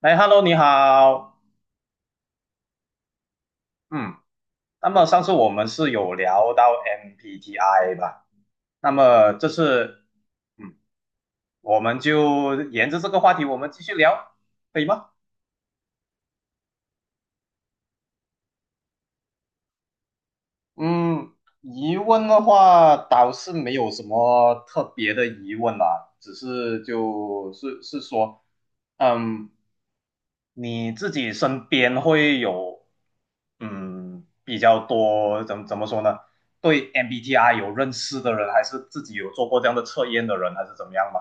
哎，Hello，你好。嗯，那么上次我们是有聊到 MBTI 吧？那么这次嗯我们就沿着这个话题，我们继续聊，可以吗？嗯，疑问的话倒是没有什么特别的疑问啦，只是就是说，嗯，你自己身边会有比较多怎么说呢？对 MBTI 有认识的人，还是自己有做过这样的测验的人，还是怎么样嘛？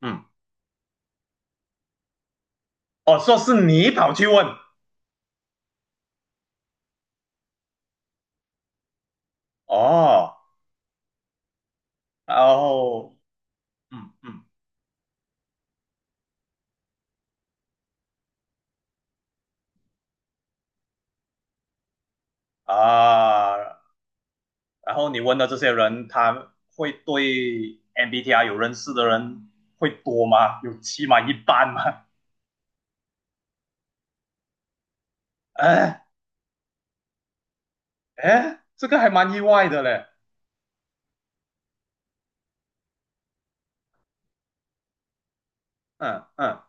嗯，哦，说是你跑去问哦，然后嗯嗯啊，然后你问的这些人，他会对 MBTI 有认识的人会多吗？有起码一半吗？哎哎，这个还蛮意外的嘞。嗯嗯。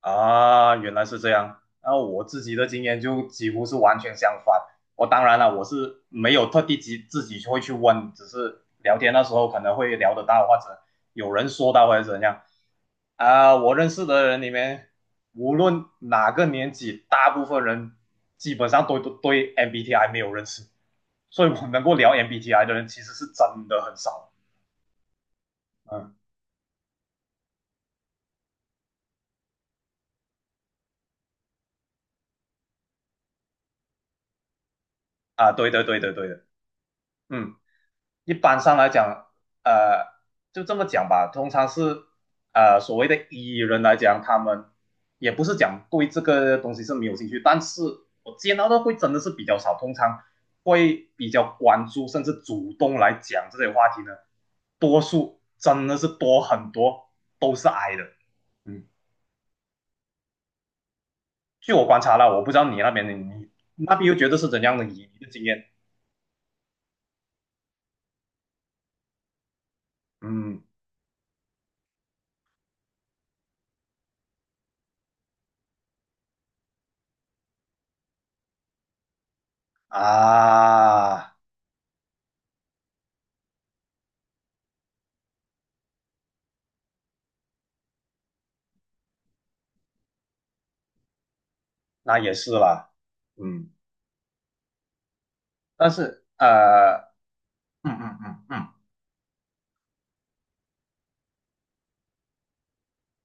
啊，原来是这样。那我自己的经验就几乎是完全相反。我当然了，我是没有特地自己会去问，只是聊天的时候可能会聊得到，或者有人说到或者怎样啊。我认识的人里面，无论哪个年纪，大部分人基本上都对 MBTI 没有认识，所以我能够聊 MBTI 的人其实是真的很少。嗯啊，对对对对对的，嗯。一般上来讲，呃，就这么讲吧，通常是所谓的艺人来讲，他们也不是讲对这个东西是没有兴趣，但是我见到的会真的是比较少，通常会比较关注甚至主动来讲这些话题呢，多数真的是多很多都是矮的，嗯，据我观察了，我不知道你那边又觉得是怎样的你的经验？嗯啊，那也是啦，嗯。但是嗯嗯嗯嗯，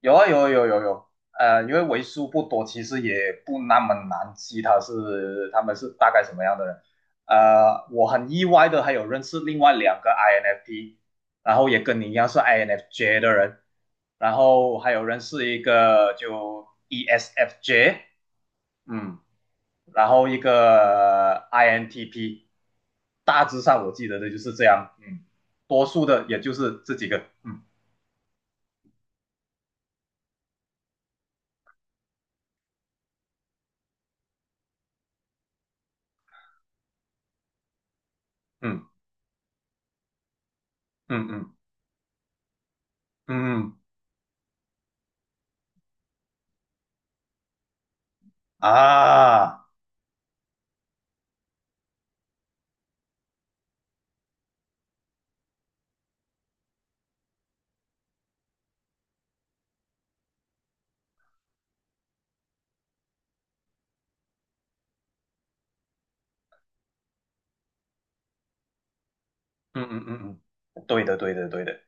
有啊有啊有啊有啊有啊因为为数不多，其实也不那么难记他们是大概什么样的人。我很意外的还有认识另外两个 INFP，然后也跟你一样是 INFJ 的人，然后还有认识一个就 ESFJ，嗯，然后一个 INTP，大致上我记得的就是这样，嗯，多数的也就是这几个，嗯嗯。嗯嗯嗯嗯啊，嗯嗯嗯嗯，对的对的对的，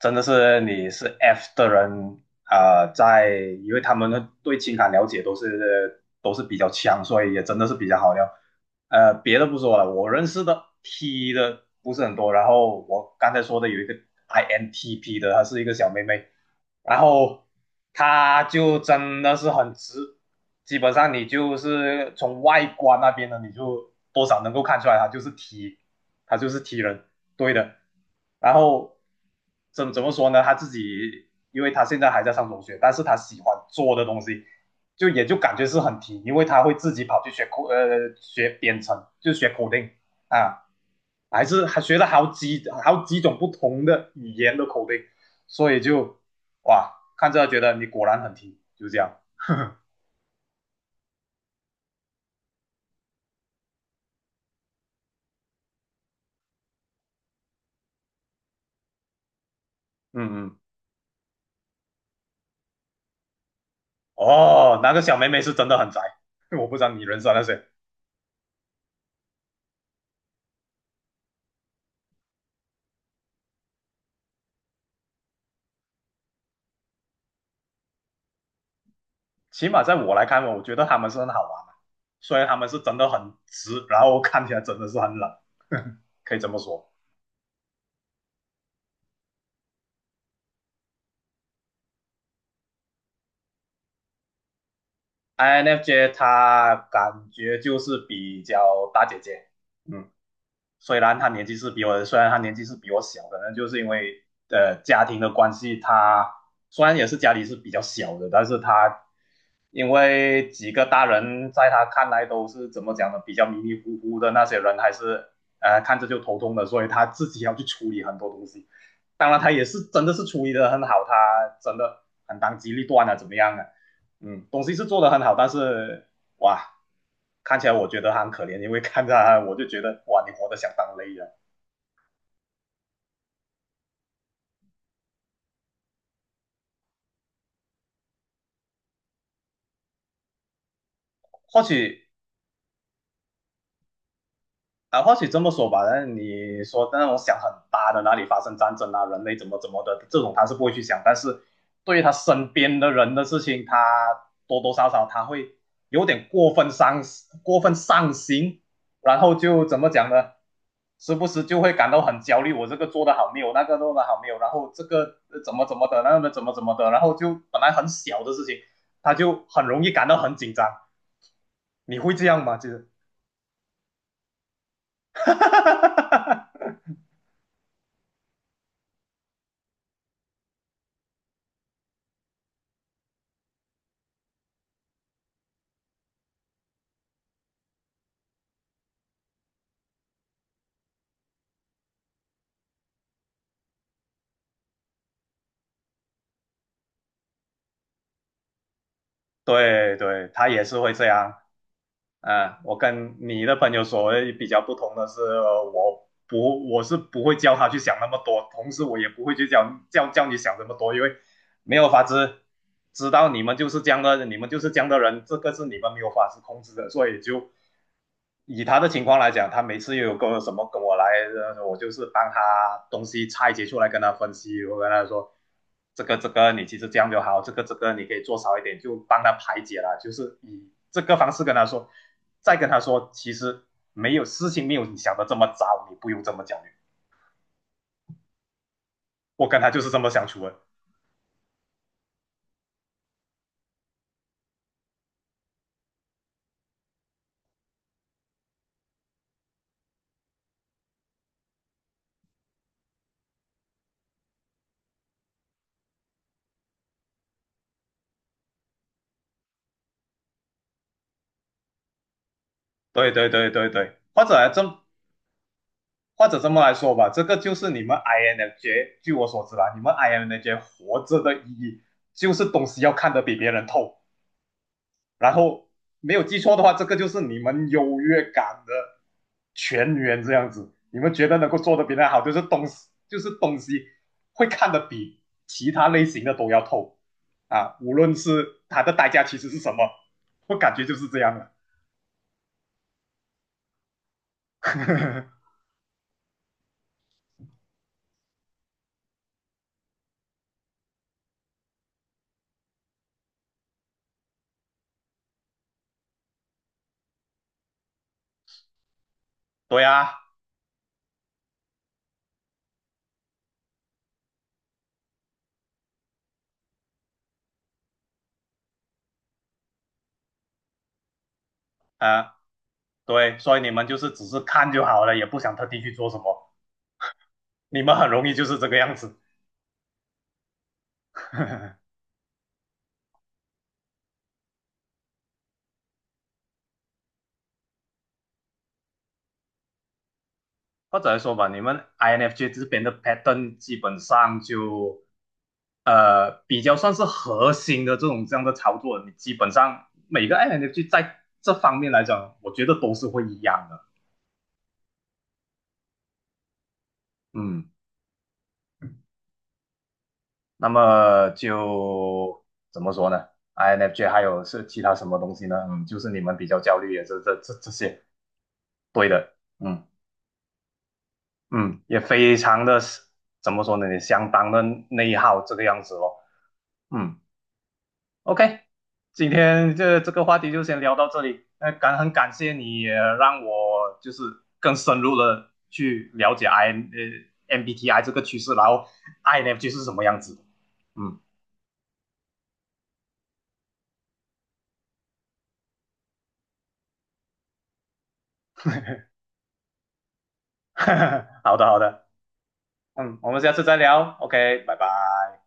真的是你是 F 的人啊、因为他们的对情感了解都是比较强，所以也真的是比较好聊。别的不说了，我认识的 T 的不是很多，然后我刚才说的有一个 INTP 的，她是一个小妹妹，然后她就真的是很直，基本上你就是从外观那边呢，你就多少能够看出来她就是 T，她就是 T 人。对的。然后怎么说呢？他自己，因为他现在还在上中学，但是他喜欢做的东西，就也就感觉是很提，因为他会自己跑去学编程，就学口令啊，还是还学了好几种不同的语言的口令，所以就哇，看着觉得你果然很提，就这样。嗯嗯，哦，那个小妹妹是真的很宅，我不知道你认识那谁。起码在我来看，我觉得他们是很好玩的，虽然他们是真的很直，然后看起来真的是很冷，可以这么说。INFJ 他感觉就是比较大姐姐，嗯。虽然他年纪是比我小，可能就是因为家庭的关系，他虽然也是家里是比较小的，但是他因为几个大人在他看来都是怎么讲呢，比较迷迷糊糊的那些人，还是看着就头痛的，所以他自己要去处理很多东西。当然，他也是真的是处理的很好，他真的很当机立断啊，怎么样啊？嗯，东西是做的很好，但是哇，看起来我觉得他很可怜，因为看着他，我就觉得哇，你活得相当累啊。或许啊，或许这么说吧，那你说那种想很大的哪里发生战争啊，人类怎么怎么的这种他是不会去想，但是对于他身边的人的事情，他多多少少他会有点过分上心，然后就怎么讲呢？时不时就会感到很焦虑，我这个做的好没有，那个做的好没有，然后这个怎么怎么的，那个怎么怎么的，然后就本来很小的事情，他就很容易感到很紧张。你会这样吗？就是。对对，他也是会这样。嗯，我跟你的朋友所谓比较不同的是，我是不会教他去想那么多，同时我也不会去教你想这么多，因为没有法子知道你们就是这样的，你们就是这样的人，这个是你们没有法子控制的，所以就以他的情况来讲，他每次又有个什么跟我来，我就是帮他东西拆解出来跟他分析，我跟他说这个你其实这样就好，这个你可以做少一点，就帮他排解了，就是以这个方式跟他说，再跟他说其实没有事情没有你想的这么糟，你不用这么焦虑，我跟他就是这么相处的，对对对对对，或者这么来说吧，这个就是你们 INFJ，据我所知啦，你们 INFJ 活着的意义就是东西要看得比别人透，然后没有记错的话，这个就是你们优越感的全员这样子。你们觉得能够做得比他好，就是东西会看得比其他类型的都要透啊，无论是它的代价其实是什么，我感觉就是这样的。对啊，啊、呃对，所以你们就是只是看就好了，也不想特地去做什么。你们很容易就是这个样子，或者来说吧，你们 INFJ 这边的 pattern 基本上就比较算是核心的这种这样的操作，你基本上每个 INFJ 在这方面来讲，我觉得都是会一样的。嗯，那么就怎么说呢？INFJ 还有是其他什么东西呢？嗯，就是你们比较焦虑也是这些，对的，嗯。嗯，也非常的怎么说呢，也相当的内耗这个样子咯。嗯，OK，今天这个话题就先聊到这里。那很感谢你也让我就是更深入的去了解 MBTI 这个趋势，然后 INFJ 是什么样子的。嗯，好的好的，嗯，我们下次再聊。OK，拜拜。